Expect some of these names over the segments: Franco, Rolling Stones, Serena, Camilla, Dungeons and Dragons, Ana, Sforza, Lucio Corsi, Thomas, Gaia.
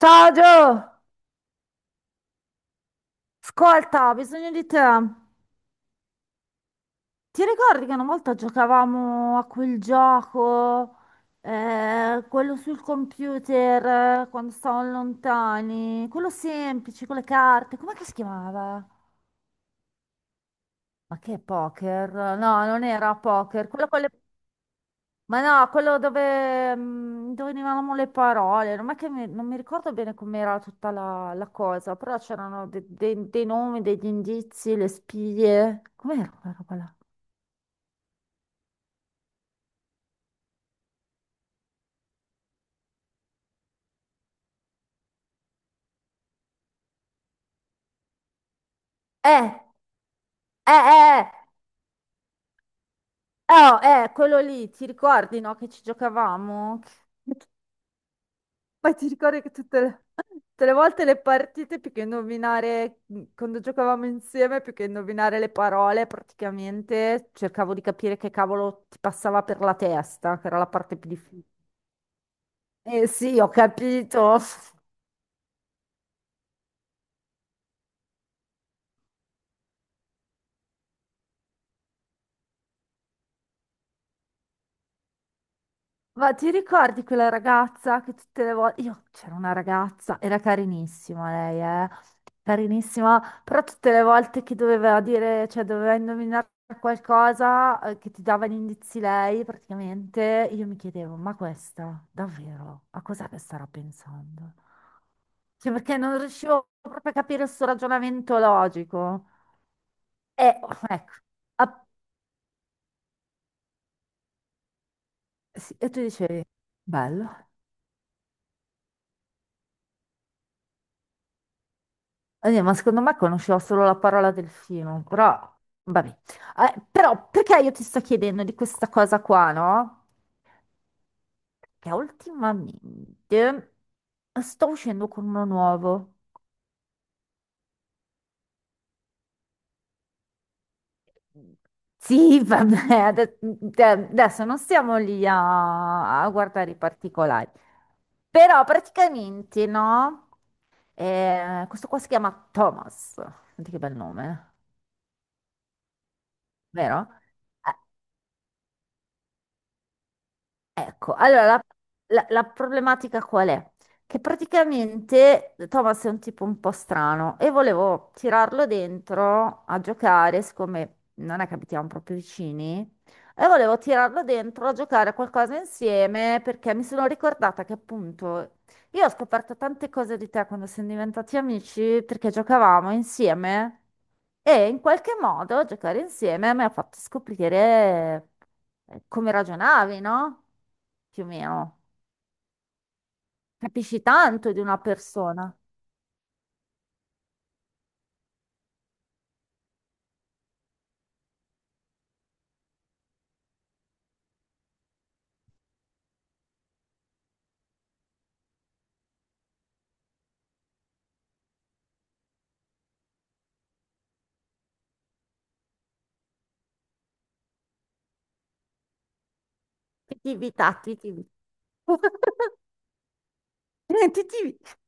Ciao Gio, ascolta, ho bisogno di te. Ti ricordi che una volta giocavamo a quel gioco, quello sul computer, quando stavamo lontani, quello semplice, con le carte, com'è che si chiamava? Ma che poker? No, non era poker, quello con le... Ma no, quello dove, dove venivano le parole, non mi ricordo bene com'era tutta la cosa, però c'erano dei nomi, degli indizi, le spie. Com'era quella roba là? Eh, eh, eh, oh, quello lì, ti ricordi, no, che ci giocavamo? Poi ti ricordi che tutte le volte le partite, più che indovinare, quando giocavamo insieme, più che indovinare le parole, praticamente cercavo di capire che cavolo ti passava per la testa, che era la parte più difficile. Eh sì, ho capito. Ma ti ricordi quella ragazza che tutte le volte... Io c'era una ragazza, era carinissima lei, eh? Carinissima, però tutte le volte che doveva dire, cioè doveva indovinare qualcosa che ti dava gli indizi lei, praticamente, io mi chiedevo, ma questa, davvero, a cos'è che starà pensando? Cioè perché non riuscivo proprio a capire il suo ragionamento logico. E ecco, app- sì, e tu dicevi, bello. Ma secondo me conoscevo solo la parola delfino, però vabbè. Però perché io ti sto chiedendo di questa cosa qua, no? Che ultimamente sto uscendo con uno nuovo. Sì, vabbè, cioè, adesso non stiamo lì a guardare i particolari. Però praticamente, no? Questo qua si chiama Thomas. Senti che bel nome, eh. Vero? Eh, Ecco, allora la problematica qual è? Che praticamente Thomas è un tipo un po' strano e volevo tirarlo dentro a giocare, siccome non è che abitiamo proprio vicini, e volevo tirarlo dentro a giocare a qualcosa insieme perché mi sono ricordata che appunto io ho scoperto tante cose di te quando siamo diventati amici perché giocavamo insieme. E in qualche modo giocare insieme mi ha fatto scoprire come ragionavi, no? Più o meno. Capisci tanto di una persona. Ti tivi, ta, ti tivi. Ti tivi.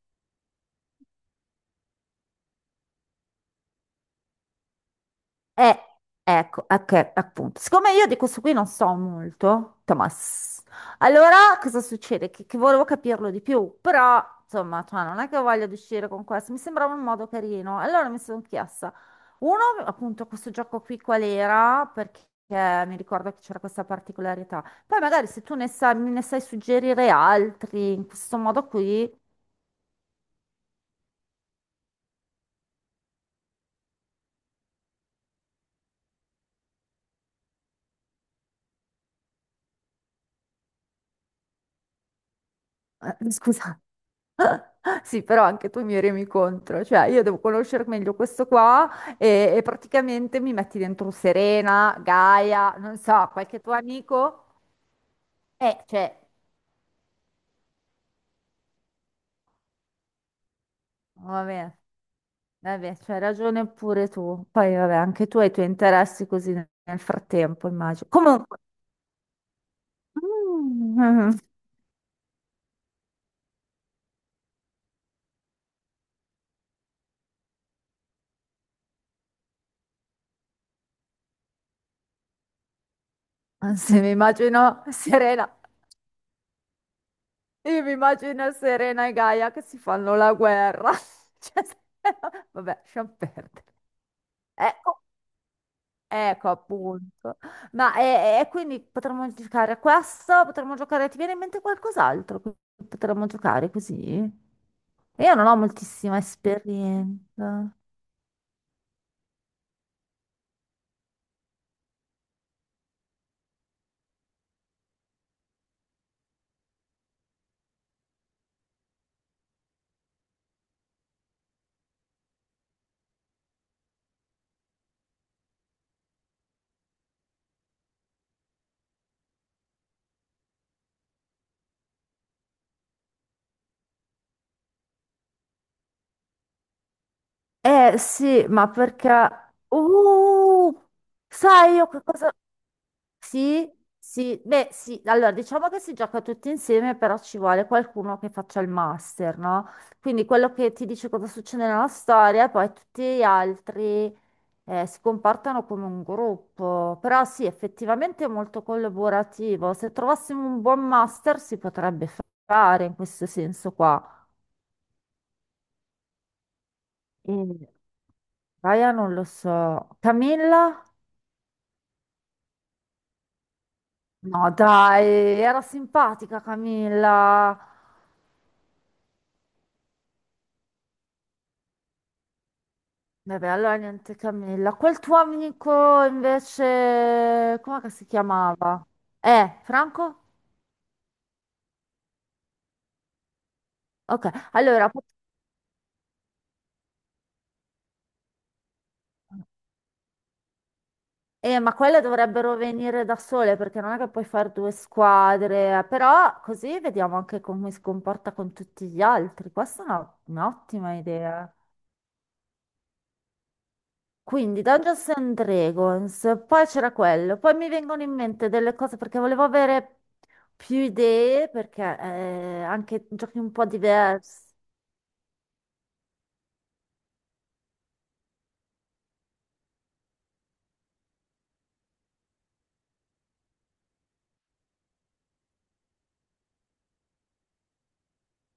Eh, ecco, ok, appunto. Siccome io di questo qui non so molto, Thomas, allora cosa succede? Che volevo capirlo di più, però insomma, cioè, non è che voglio uscire con questo, mi sembrava un modo carino. Allora mi sono chiesta, uno, appunto, questo gioco qui qual era? Perché mi ricordo che c'era questa particolarità. Poi magari se tu ne sai, me ne sai suggerire altri in questo modo qui, scusa. Sì, però anche tu mi remi contro, cioè io devo conoscere meglio questo qua e praticamente mi metti dentro Serena, Gaia, non so, qualche tuo amico. Cioè, vabbè, vabbè, c'hai ragione pure tu. Poi, vabbè, anche tu hai i tuoi interessi così nel frattempo, immagino. Comunque, mm, se mi immagino Serena, io mi immagino Serena e Gaia che si fanno la guerra. Cioè, vabbè, lasciamo perdere. Eh, Ecco appunto. Ma e quindi potremmo giocare a questo, potremmo giocare, ti viene in mente qualcos'altro? Che potremmo giocare così? Io non ho moltissima esperienza. Eh sì, ma perché... Uh, sai io che cosa... Sì, sì, beh sì, allora diciamo che si gioca tutti insieme, però ci vuole qualcuno che faccia il master, no? Quindi quello che ti dice cosa succede nella storia, e poi tutti gli altri si comportano come un gruppo, però sì, effettivamente è molto collaborativo. Se trovassimo un buon master si potrebbe fare in questo senso qua. E Gaia non lo so. Camilla? No, dai, era simpatica Camilla. Vabbè, allora niente Camilla. Quel tuo amico invece, come si chiamava? Franco? Ok, allora... ma quelle dovrebbero venire da sole perché non è che puoi fare due squadre, però così vediamo anche come si comporta con tutti gli altri. Questa è un'ottima idea. Quindi Dungeons and Dragons, poi c'era quello, poi mi vengono in mente delle cose perché volevo avere più idee perché anche giochi un po' diversi.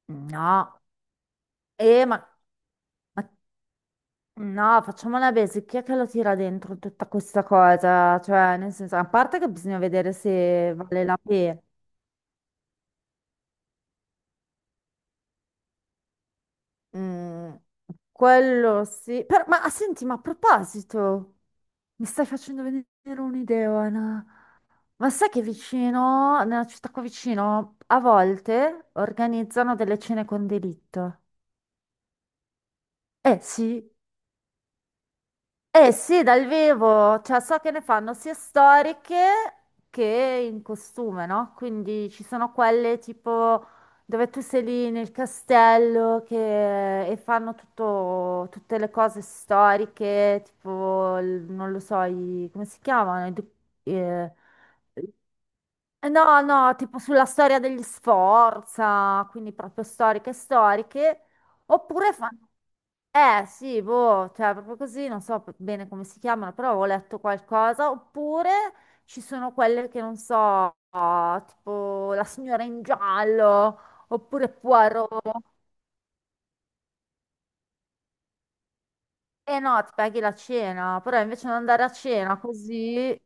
No, eh, ma, ma No, facciamo una base. Chi è che lo tira dentro tutta questa cosa? Cioè, nel senso, a parte che bisogna vedere se vale la pena. Mm, quello sì. Ma ah, senti, ma a proposito, mi stai facendo venire un'idea, Ana. Ma sai che vicino, nella città qua vicino, a volte organizzano delle cene con delitto? Eh sì, eh sì, dal vivo, cioè so che ne fanno sia storiche che in costume, no? Quindi ci sono quelle tipo dove tu sei lì nel castello che... e fanno tutte le cose storiche, tipo, non lo so, come si chiamano? Eh, No, no, tipo sulla storia degli Sforza, quindi proprio storiche storiche, oppure fanno... Eh sì, boh, cioè proprio così, non so bene come si chiamano, però ho letto qualcosa, oppure ci sono quelle che non so, tipo La signora in giallo, oppure Poirot. Eh no, ti paghi la cena, però invece di andare a cena così,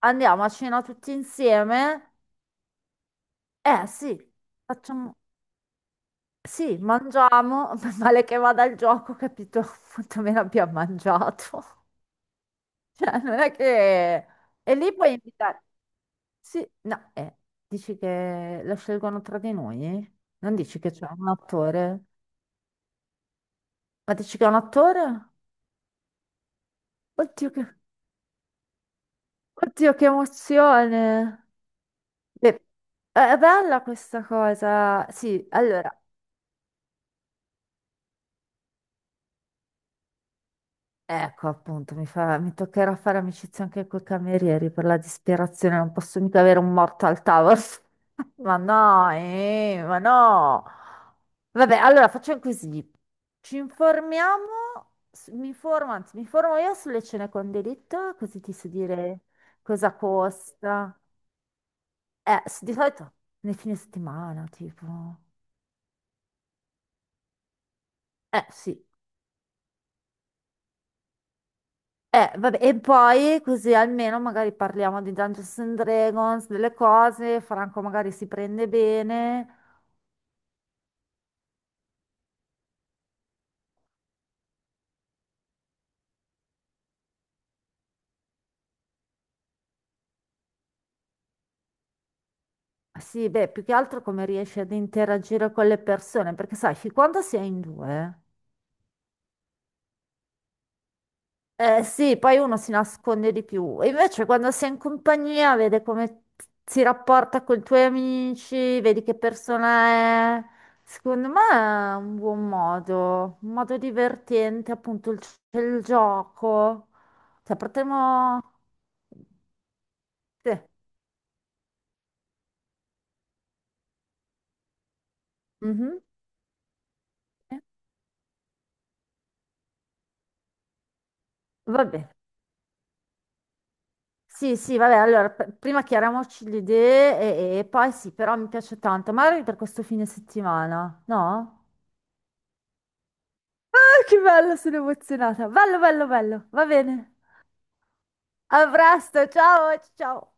andiamo a cena tutti insieme. Eh sì, facciamo... Sì, mangiamo, male che vada il gioco, capito quanto meno abbiamo mangiato. Cioè, non è che... E lì puoi invitare... Sì, no, dici che lo scelgono tra di noi? Non dici che c'è un attore? Ma dici che è un attore? Oddio, che, oddio, che emozione! Beh, è bella questa cosa. Sì, allora, ecco, appunto, mi fa... mi toccherà fare amicizia anche con i camerieri per la disperazione, non posso mica avere un morto al tavolo. Ma no, ma no. Vabbè, allora facciamo così. Ci informiamo, mi informo, anzi, mi informo io sulle cene con delitto, così ti so dire cosa costa. Di solito nei fine settimana, tipo. Sì. Vabbè, e poi così almeno magari parliamo di Dungeons and Dragons, delle cose, Franco magari si prende bene. Sì, beh, più che altro come riesci ad interagire con le persone, perché sai, fin quando si è in due. Eh sì, poi uno si nasconde di più. E invece quando sei in compagnia, vede come si rapporta con i tuoi amici, vedi che persona è. Secondo me è un buon modo, un modo divertente, appunto il, c'è il gioco. Cioè, potremmo... Sì. Mhm. Va bene. Sì, sì, vabbè, allora prima chiariamoci le idee e poi sì, però mi piace tanto, magari per questo fine settimana, no? Ah, che bello, sono emozionata. Bello, bello, bello. Va bene. A presto, ciao, ciao.